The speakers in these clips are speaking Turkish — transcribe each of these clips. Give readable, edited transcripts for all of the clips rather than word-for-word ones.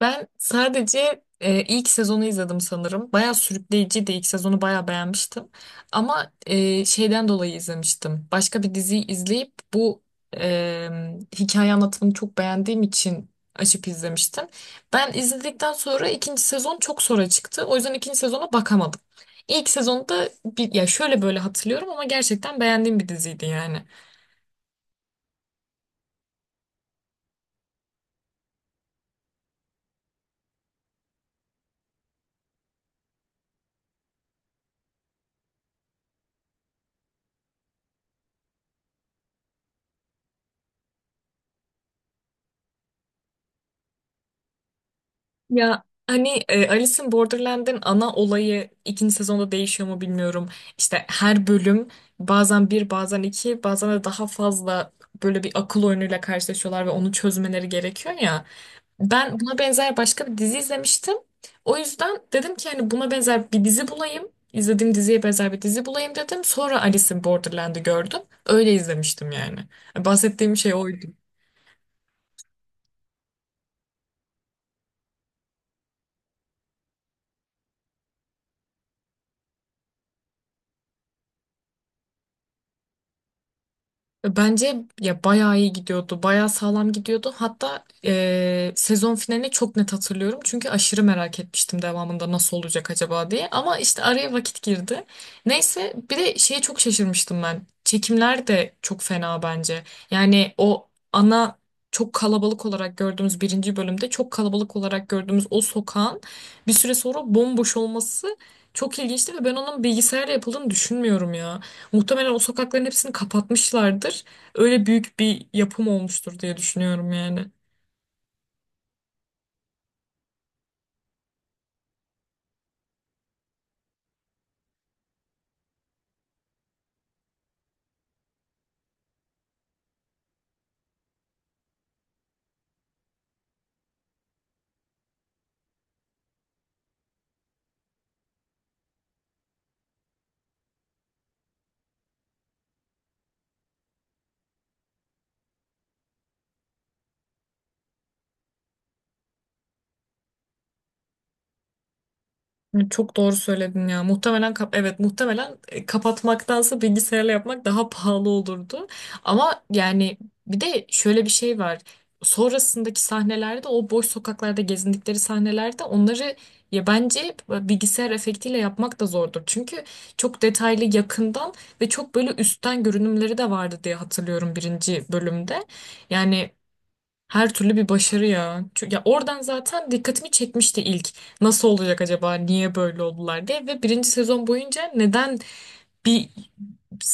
Ben sadece ilk sezonu izledim sanırım. Bayağı sürükleyiciydi. İlk sezonu bayağı beğenmiştim. Ama şeyden dolayı izlemiştim. Başka bir diziyi izleyip bu e, hikaye anlatımını çok beğendiğim için açıp izlemiştim. Ben izledikten sonra ikinci sezon çok sonra çıktı. O yüzden ikinci sezona bakamadım. İlk sezonda bir, ya şöyle böyle hatırlıyorum ama gerçekten beğendiğim bir diziydi yani. Ya hani Alice in Borderland'in ana olayı ikinci sezonda değişiyor mu bilmiyorum. İşte her bölüm bazen bir bazen iki bazen de daha fazla böyle bir akıl oyunuyla karşılaşıyorlar ve onu çözmeleri gerekiyor ya. Ben buna benzer başka bir dizi izlemiştim. O yüzden dedim ki hani buna benzer bir dizi bulayım. İzlediğim diziye benzer bir dizi bulayım dedim. Sonra Alice in Borderland'i gördüm. Öyle izlemiştim yani. Bahsettiğim şey oydu. Bence ya bayağı iyi gidiyordu. Bayağı sağlam gidiyordu. Hatta sezon finalini çok net hatırlıyorum. Çünkü aşırı merak etmiştim devamında nasıl olacak acaba diye. Ama işte araya vakit girdi. Neyse bir de şeye çok şaşırmıştım ben. Çekimler de çok fena bence. Yani o ana çok kalabalık olarak gördüğümüz birinci bölümde çok kalabalık olarak gördüğümüz o sokağın bir süre sonra bomboş olması çok ilginçti ve ben onun bilgisayarla yapıldığını düşünmüyorum ya. Muhtemelen o sokakların hepsini kapatmışlardır. Öyle büyük bir yapım olmuştur diye düşünüyorum yani. Evet, çok doğru söyledin ya. Muhtemelen kapatmaktansa bilgisayarla yapmak daha pahalı olurdu. Ama yani bir de şöyle bir şey var. Sonrasındaki sahnelerde o boş sokaklarda gezindikleri sahnelerde onları ya bence bilgisayar efektiyle yapmak da zordur. Çünkü çok detaylı yakından ve çok böyle üstten görünümleri de vardı diye hatırlıyorum birinci bölümde. Yani her türlü bir başarı ya. Çünkü ya oradan zaten dikkatimi çekmişti ilk. Nasıl olacak acaba? Niye böyle oldular diye ve birinci sezon boyunca neden bir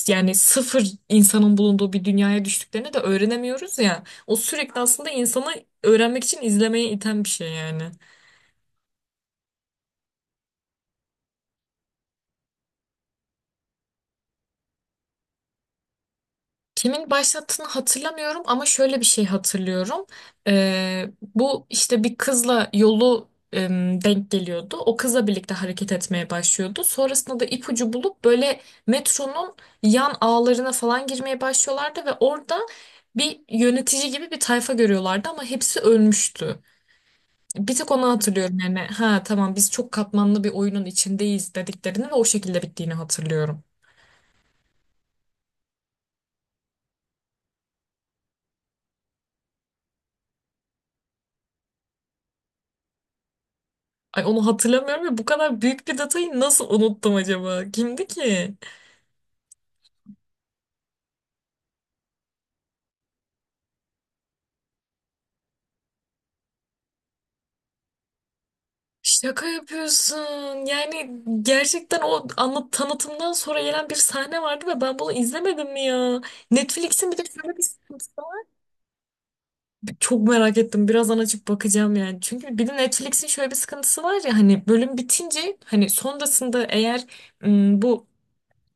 yani sıfır insanın bulunduğu bir dünyaya düştüklerini de öğrenemiyoruz ya. O sürekli aslında insanı öğrenmek için izlemeye iten bir şey yani. Kimin başlattığını hatırlamıyorum ama şöyle bir şey hatırlıyorum. Ee, bu işte bir kızla yolu denk geliyordu. O kızla birlikte hareket etmeye başlıyordu. Sonrasında da ipucu bulup böyle metronun yan ağlarına falan girmeye başlıyorlardı ve orada bir yönetici gibi bir tayfa görüyorlardı ama hepsi ölmüştü. Bir tek onu hatırlıyorum yani, ha tamam biz çok katmanlı bir oyunun içindeyiz dediklerini ve o şekilde bittiğini hatırlıyorum. Ay onu hatırlamıyorum ya, bu kadar büyük bir detayı nasıl unuttum acaba? Kimdi ki? Şaka yapıyorsun. Yani gerçekten o anlat tanıtımdan sonra gelen bir sahne vardı ve ben bunu izlemedim mi ya? Netflix'in bir de şöyle bir sıkıntısı var. Çok merak ettim. Birazdan açıp bakacağım yani. Çünkü bir de Netflix'in şöyle bir sıkıntısı var ya, hani bölüm bitince hani sonrasında eğer bu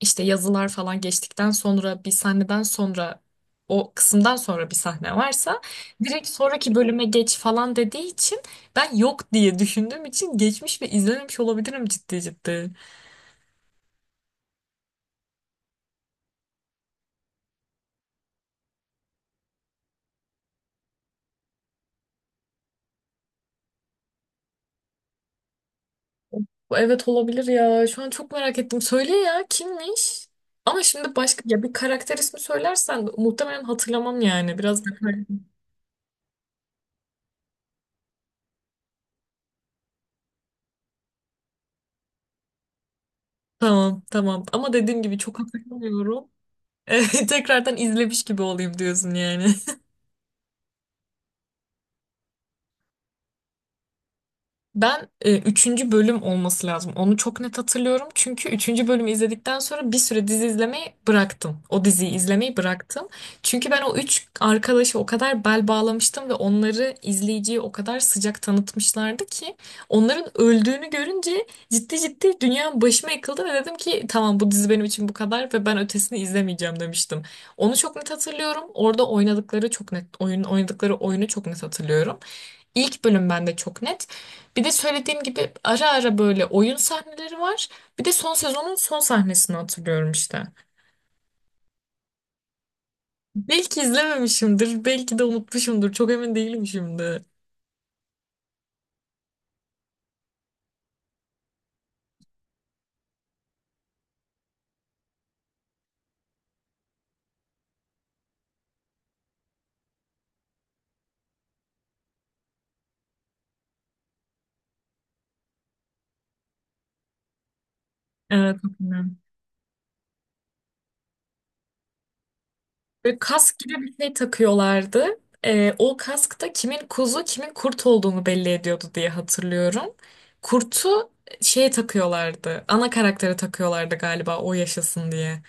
işte yazılar falan geçtikten sonra bir sahneden sonra o kısımdan sonra bir sahne varsa direkt sonraki bölüme geç falan dediği için ben yok diye düşündüğüm için geçmiş ve izlememiş olabilirim ciddi ciddi. Bu, evet, olabilir ya. Şu an çok merak ettim. Söyle ya, kimmiş? Ama şimdi başka ya bir karakter ismi söylersen muhtemelen hatırlamam yani. Biraz da tamam tamam. Ama dediğim gibi çok hatırlamıyorum. Evet, tekrardan izlemiş gibi olayım diyorsun yani. Ben üçüncü bölüm olması lazım. Onu çok net hatırlıyorum. Çünkü üçüncü bölümü izledikten sonra bir süre dizi izlemeyi bıraktım. O diziyi izlemeyi bıraktım. Çünkü ben o üç arkadaşı o kadar bel bağlamıştım ve onları izleyiciye o kadar sıcak tanıtmışlardı ki onların öldüğünü görünce ciddi ciddi dünyam başıma yıkıldı ve dedim ki tamam, bu dizi benim için bu kadar ve ben ötesini izlemeyeceğim demiştim. Onu çok net hatırlıyorum. Orada oynadıkları çok net oyun oynadıkları oyunu çok net hatırlıyorum. İlk bölüm bende çok net. Bir de söylediğim gibi ara ara böyle oyun sahneleri var. Bir de son sezonun son sahnesini hatırlıyorum işte. Belki izlememişimdir, belki de unutmuşumdur. Çok emin değilim şimdi. Evet, hatırlıyorum. Böyle kask gibi bir şey takıyorlardı. O kask da kimin kuzu, kimin kurt olduğunu belli ediyordu diye hatırlıyorum. Kurtu şeye takıyorlardı. Ana karaktere takıyorlardı galiba o yaşasın diye.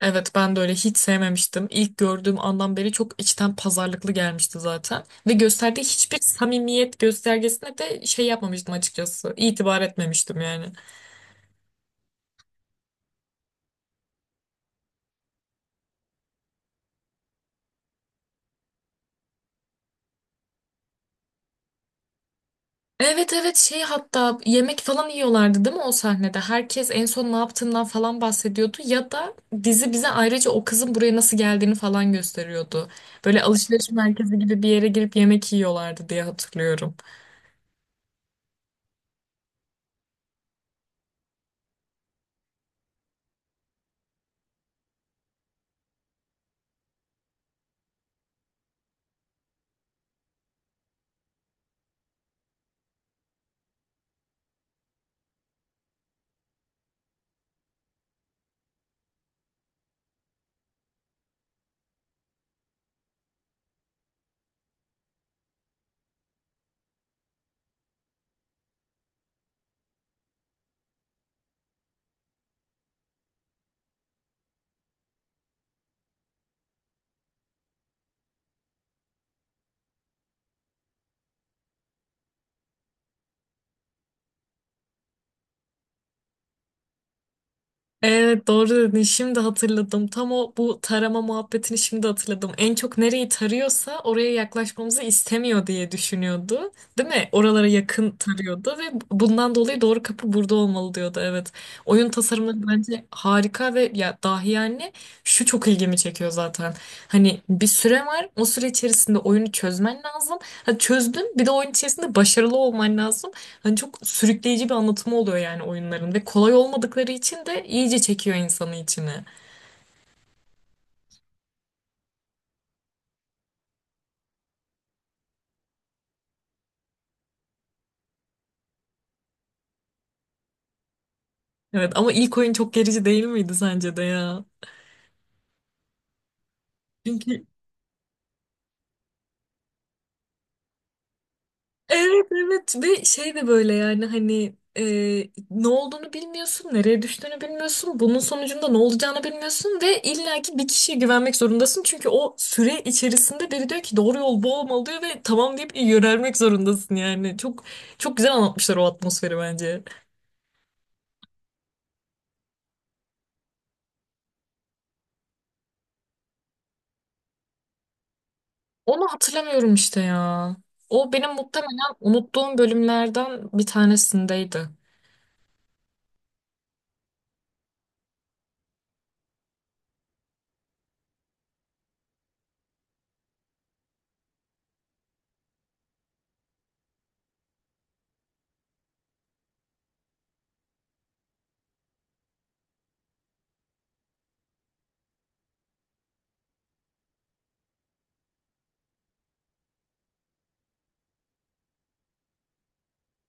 Evet, ben de öyle hiç sevmemiştim. İlk gördüğüm andan beri çok içten pazarlıklı gelmişti zaten. Ve gösterdiği hiçbir samimiyet göstergesine de şey yapmamıştım, açıkçası. İtibar etmemiştim yani. Evet evet, şey, hatta yemek falan yiyorlardı değil mi o sahnede? Herkes en son ne yaptığından falan bahsediyordu. Ya da dizi bize ayrıca o kızın buraya nasıl geldiğini falan gösteriyordu. Böyle alışveriş merkezi gibi bir yere girip yemek yiyorlardı diye hatırlıyorum. Evet, doğru dedin. Şimdi hatırladım. Tam o bu tarama muhabbetini şimdi hatırladım. En çok nereyi tarıyorsa oraya yaklaşmamızı istemiyor diye düşünüyordu. Değil mi? Oralara yakın tarıyordu ve bundan dolayı doğru kapı burada olmalı diyordu. Evet. Oyun tasarımları bence harika ve ya dahi yani, şu çok ilgimi çekiyor zaten. Hani bir süre var. O süre içerisinde oyunu çözmen lazım. Ha, çözdün, bir de oyun içerisinde başarılı olman lazım. Hani çok sürükleyici bir anlatımı oluyor yani oyunların ve kolay olmadıkları için de iyice çekiyor insanı içine. Evet ama ilk oyun çok gerici değil miydi sence de ya? Çünkü evet evet ve şey de böyle yani hani ne olduğunu bilmiyorsun, nereye düştüğünü bilmiyorsun, bunun sonucunda ne olacağını bilmiyorsun ve illaki bir kişiye güvenmek zorundasın. Çünkü o süre içerisinde biri diyor ki doğru yol bu olmalı diyor ve tamam deyip yönelmek zorundasın yani. Çok çok güzel anlatmışlar o atmosferi bence. Onu hatırlamıyorum işte ya. O benim muhtemelen unuttuğum bölümlerden bir tanesindeydi.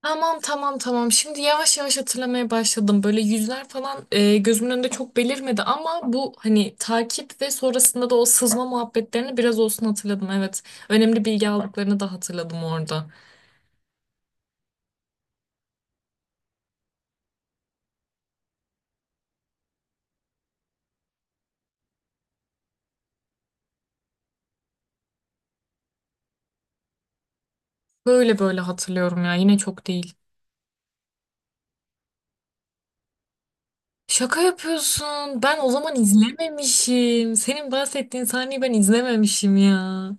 Tamam tamam tamam. Şimdi yavaş yavaş hatırlamaya başladım. Böyle yüzler falan gözümün önünde çok belirmedi ama bu hani takip ve sonrasında da o sızma muhabbetlerini biraz olsun hatırladım. Evet. Önemli bilgi aldıklarını da hatırladım orada. Böyle böyle hatırlıyorum ya. Yine çok değil. Şaka yapıyorsun. Ben o zaman izlememişim. Senin bahsettiğin sahneyi ben izlememişim ya.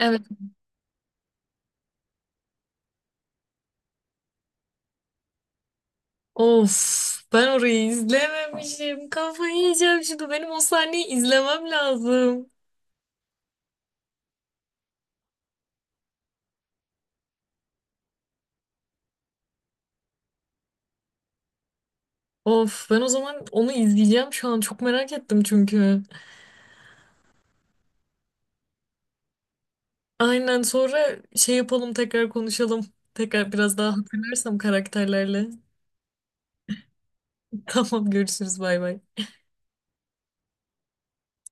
Evet. Of, ben orayı izlememişim. Kafayı yiyeceğim şimdi. Benim o sahneyi izlemem lazım. Of, ben o zaman onu izleyeceğim şu an. Çok merak ettim çünkü. Aynen, sonra şey yapalım, tekrar konuşalım. Tekrar biraz daha hatırlarsam karakterlerle. Tamam, görüşürüz, bay bay.